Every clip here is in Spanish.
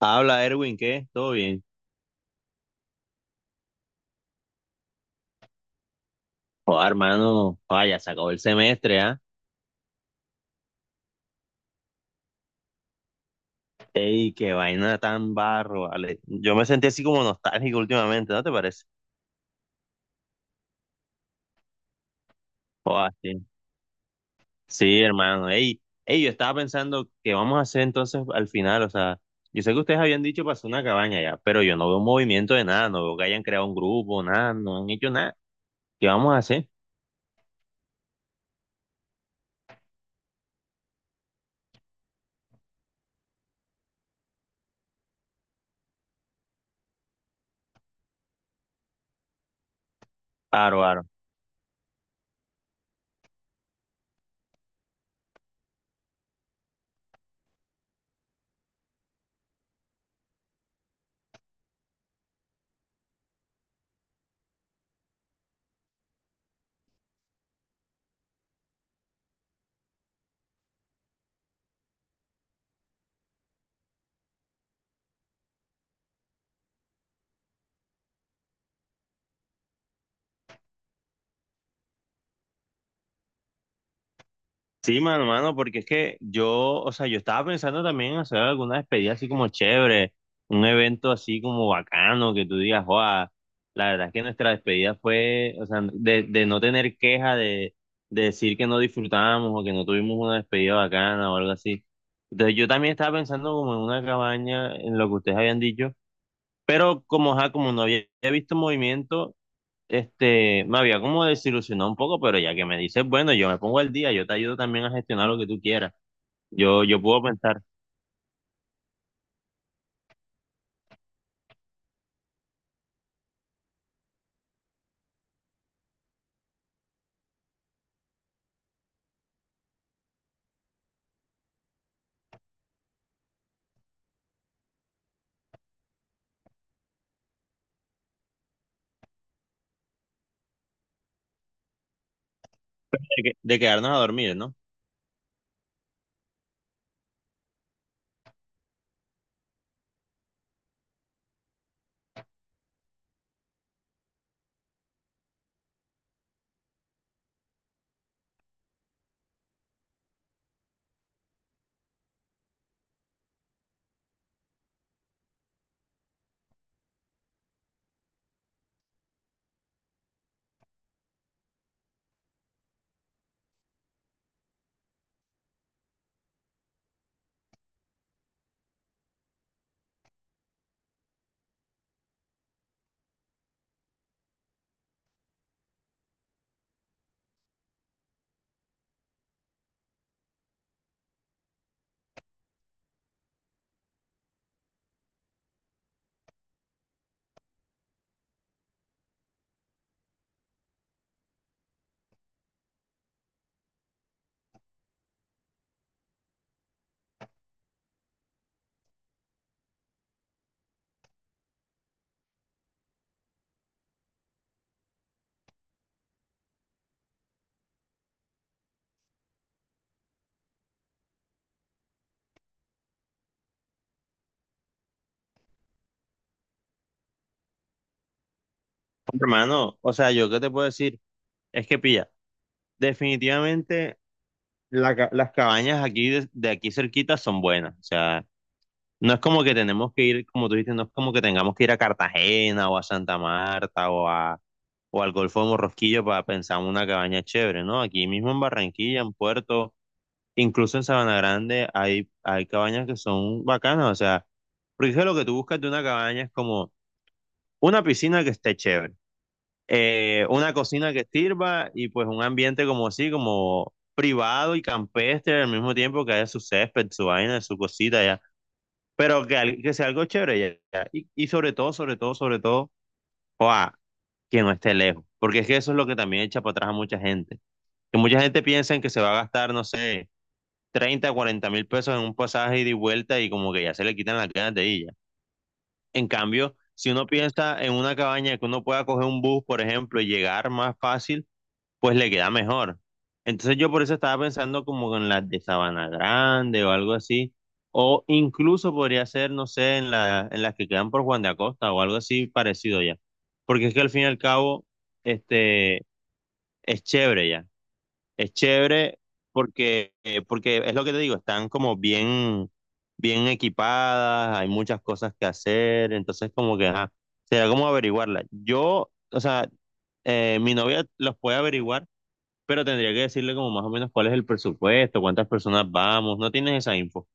Habla Erwin, ¿qué? ¿Todo bien? Joder, hermano, vaya, se acabó el semestre, ¿ah? Ey, qué vaina tan barro, vale. Yo me sentí así como nostálgico últimamente, ¿no te parece? Joder, sí. Sí, hermano, ey, yo estaba pensando qué vamos a hacer entonces al final, o sea, yo sé que ustedes habían dicho para hacer una cabaña ya, pero yo no veo movimiento de nada, no veo que hayan creado un grupo, nada, no han hecho nada. ¿Qué vamos a hacer? Aro. Sí, mano, porque es que yo, o sea, yo estaba pensando también en hacer alguna despedida así como chévere, un evento así como bacano, que tú digas, joa, la verdad es que nuestra despedida fue, o sea, de no tener queja, de decir que no disfrutamos o que no tuvimos una despedida bacana o algo así. Entonces yo también estaba pensando como en una cabaña, en lo que ustedes habían dicho, pero como, ajá, como no había visto movimiento, me había como desilusionado un poco, pero ya que me dices, bueno, yo me pongo al día, yo te ayudo también a gestionar lo que tú quieras. Yo puedo pensar de quedarnos a dormir, ¿no? Hermano, o sea, yo qué te puedo decir, es que pilla, definitivamente las cabañas aquí de aquí cerquita son buenas, o sea, no es como que tenemos que ir, como tú dices, no es como que tengamos que ir a Cartagena o a Santa Marta o a, o al Golfo de Morrosquillo para pensar en una cabaña chévere, ¿no? Aquí mismo en Barranquilla, en Puerto. Incluso en Sabana Grande hay cabañas que son bacanas, o sea, porque es que lo que tú buscas de una cabaña es como una piscina que esté chévere, una cocina que sirva y pues un ambiente como así, como privado y campestre al mismo tiempo que haya su césped, su vaina, su cosita ya, pero que, al- que sea algo chévere ya, ya. Y sobre todo, sobre todo, sobre todo, ¡guau!, que no esté lejos, porque es que eso es lo que también echa para atrás a mucha gente, que mucha gente piensa en que se va a gastar, no sé, 30, 40 mil pesos en un pasaje ida y vuelta y como que ya se le quitan las ganas de ella. En cambio, si uno piensa en una cabaña que uno pueda coger un bus, por ejemplo, y llegar más fácil, pues le queda mejor. Entonces yo por eso estaba pensando como en las de Sabana Grande o algo así, o incluso podría ser, no sé, en las que quedan por Juan de Acosta o algo así parecido ya. Porque es que al fin y al cabo, este, es chévere ya, es chévere, porque, porque es lo que te digo, están como bien, bien equipadas, hay muchas cosas que hacer, entonces como que, ajá, será como averiguarla. Yo, o sea, mi novia los puede averiguar, pero tendría que decirle como más o menos cuál es el presupuesto, cuántas personas vamos, no tienes esa info.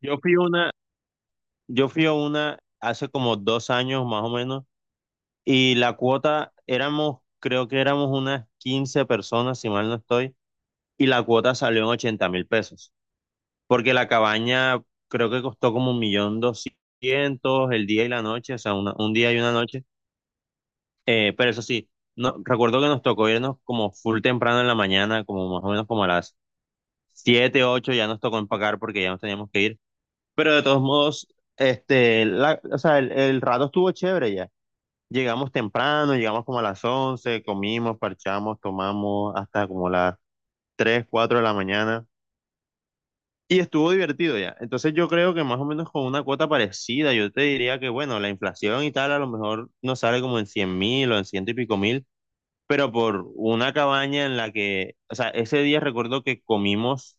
Yo fui a una, yo fui a una hace como 2 años más o menos, y la cuota éramos, creo que éramos unas 15 personas, si mal no estoy, y la cuota salió en 80.000 pesos, porque la cabaña creo que costó como un millón doscientos el día y la noche, o sea, un día y una noche. Pero eso sí, no, recuerdo que nos tocó irnos como full temprano en la mañana, como más o menos como a las 7 8 ya nos tocó empacar porque ya nos teníamos que ir, pero de todos modos, o sea, el rato estuvo chévere ya. Llegamos temprano, llegamos como a las 11, comimos, parchamos, tomamos hasta como las 3 4 de la mañana. Y estuvo divertido ya. Entonces yo creo que más o menos con una cuota parecida, yo te diría que, bueno, la inflación y tal a lo mejor nos sale como en 100.000 o en ciento y pico mil, pero por una cabaña en la que, o sea, ese día recuerdo que comimos,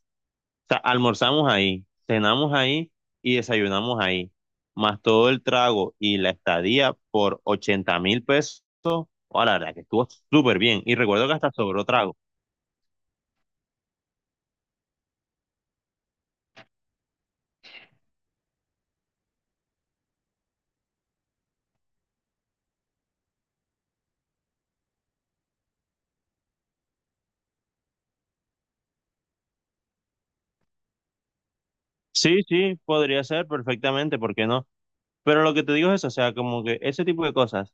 o sea, almorzamos ahí, cenamos ahí y desayunamos ahí, más todo el trago y la estadía por 80.000 pesos. Oh, la verdad que estuvo súper bien. Y recuerdo que hasta sobró trago. Sí, sí, podría ser perfectamente, ¿por qué no? Pero lo que te digo es eso, o sea, como que ese tipo de cosas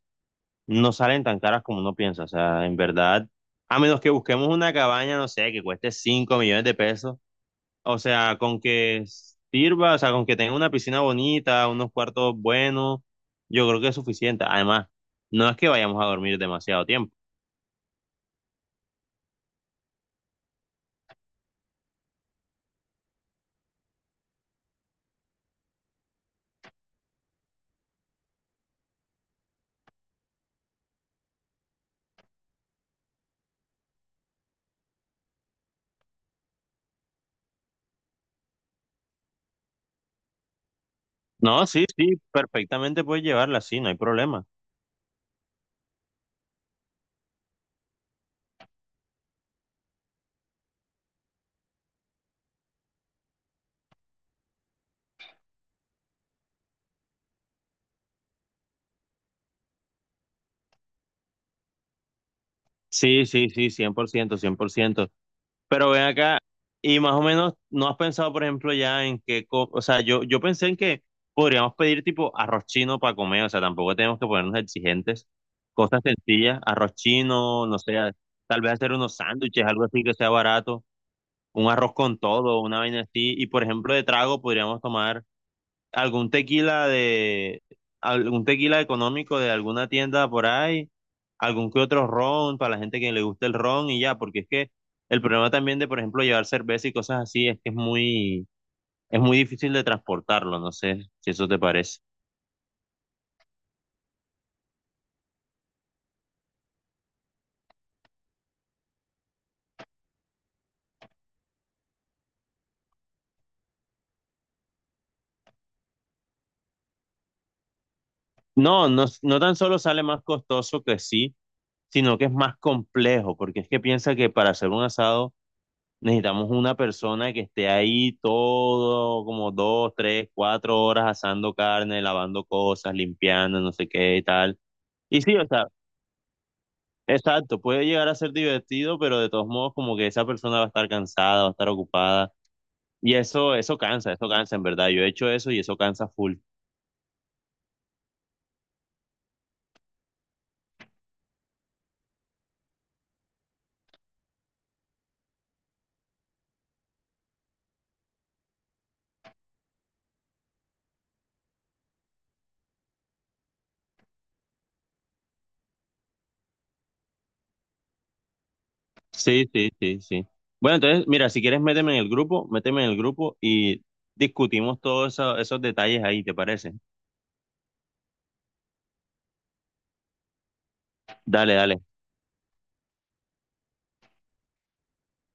no salen tan caras como uno piensa, o sea, en verdad, a menos que busquemos una cabaña, no sé, que cueste 5 millones de pesos, o sea, con que sirva, o sea, con que tenga una piscina bonita, unos cuartos buenos, yo creo que es suficiente. Además, no es que vayamos a dormir demasiado tiempo. No, sí, sí, perfectamente puedes llevarla, sí, no hay problema. Sí, sí, sí, cien por ciento, 100%. Pero ven acá, y más o menos, ¿no has pensado, por ejemplo, ya en qué, co- o sea, yo pensé en que podríamos pedir tipo arroz chino para comer, o sea, tampoco tenemos que ponernos exigentes, cosas sencillas, arroz chino, no sé, a- tal vez hacer unos sándwiches, algo así que sea barato, un arroz con todo, una vaina así, y por ejemplo, de trago podríamos tomar algún tequila de, algún tequila económico de alguna tienda por ahí, algún que otro ron para la gente que le guste el ron y ya, porque es que el problema también de, por ejemplo, llevar cerveza y cosas así es que es muy difícil de transportarlo, no sé si eso te parece. No, no, no tan solo sale más costoso, que sí, sino que es más complejo, porque es que piensa que para hacer un asado necesitamos una persona que esté ahí todo, como dos, tres, cuatro horas asando carne, lavando cosas, limpiando, no sé qué y tal. Y sí, o sea, exacto, puede llegar a ser divertido, pero de todos modos como que esa persona va a estar cansada, va a estar ocupada. Y eso, eso cansa en verdad. Yo he hecho eso y eso cansa full. Sí, sí, sí, sí. Bueno, entonces, mira, si quieres, méteme en el grupo, méteme en el grupo y discutimos esos detalles ahí, ¿te parece? Dale, dale.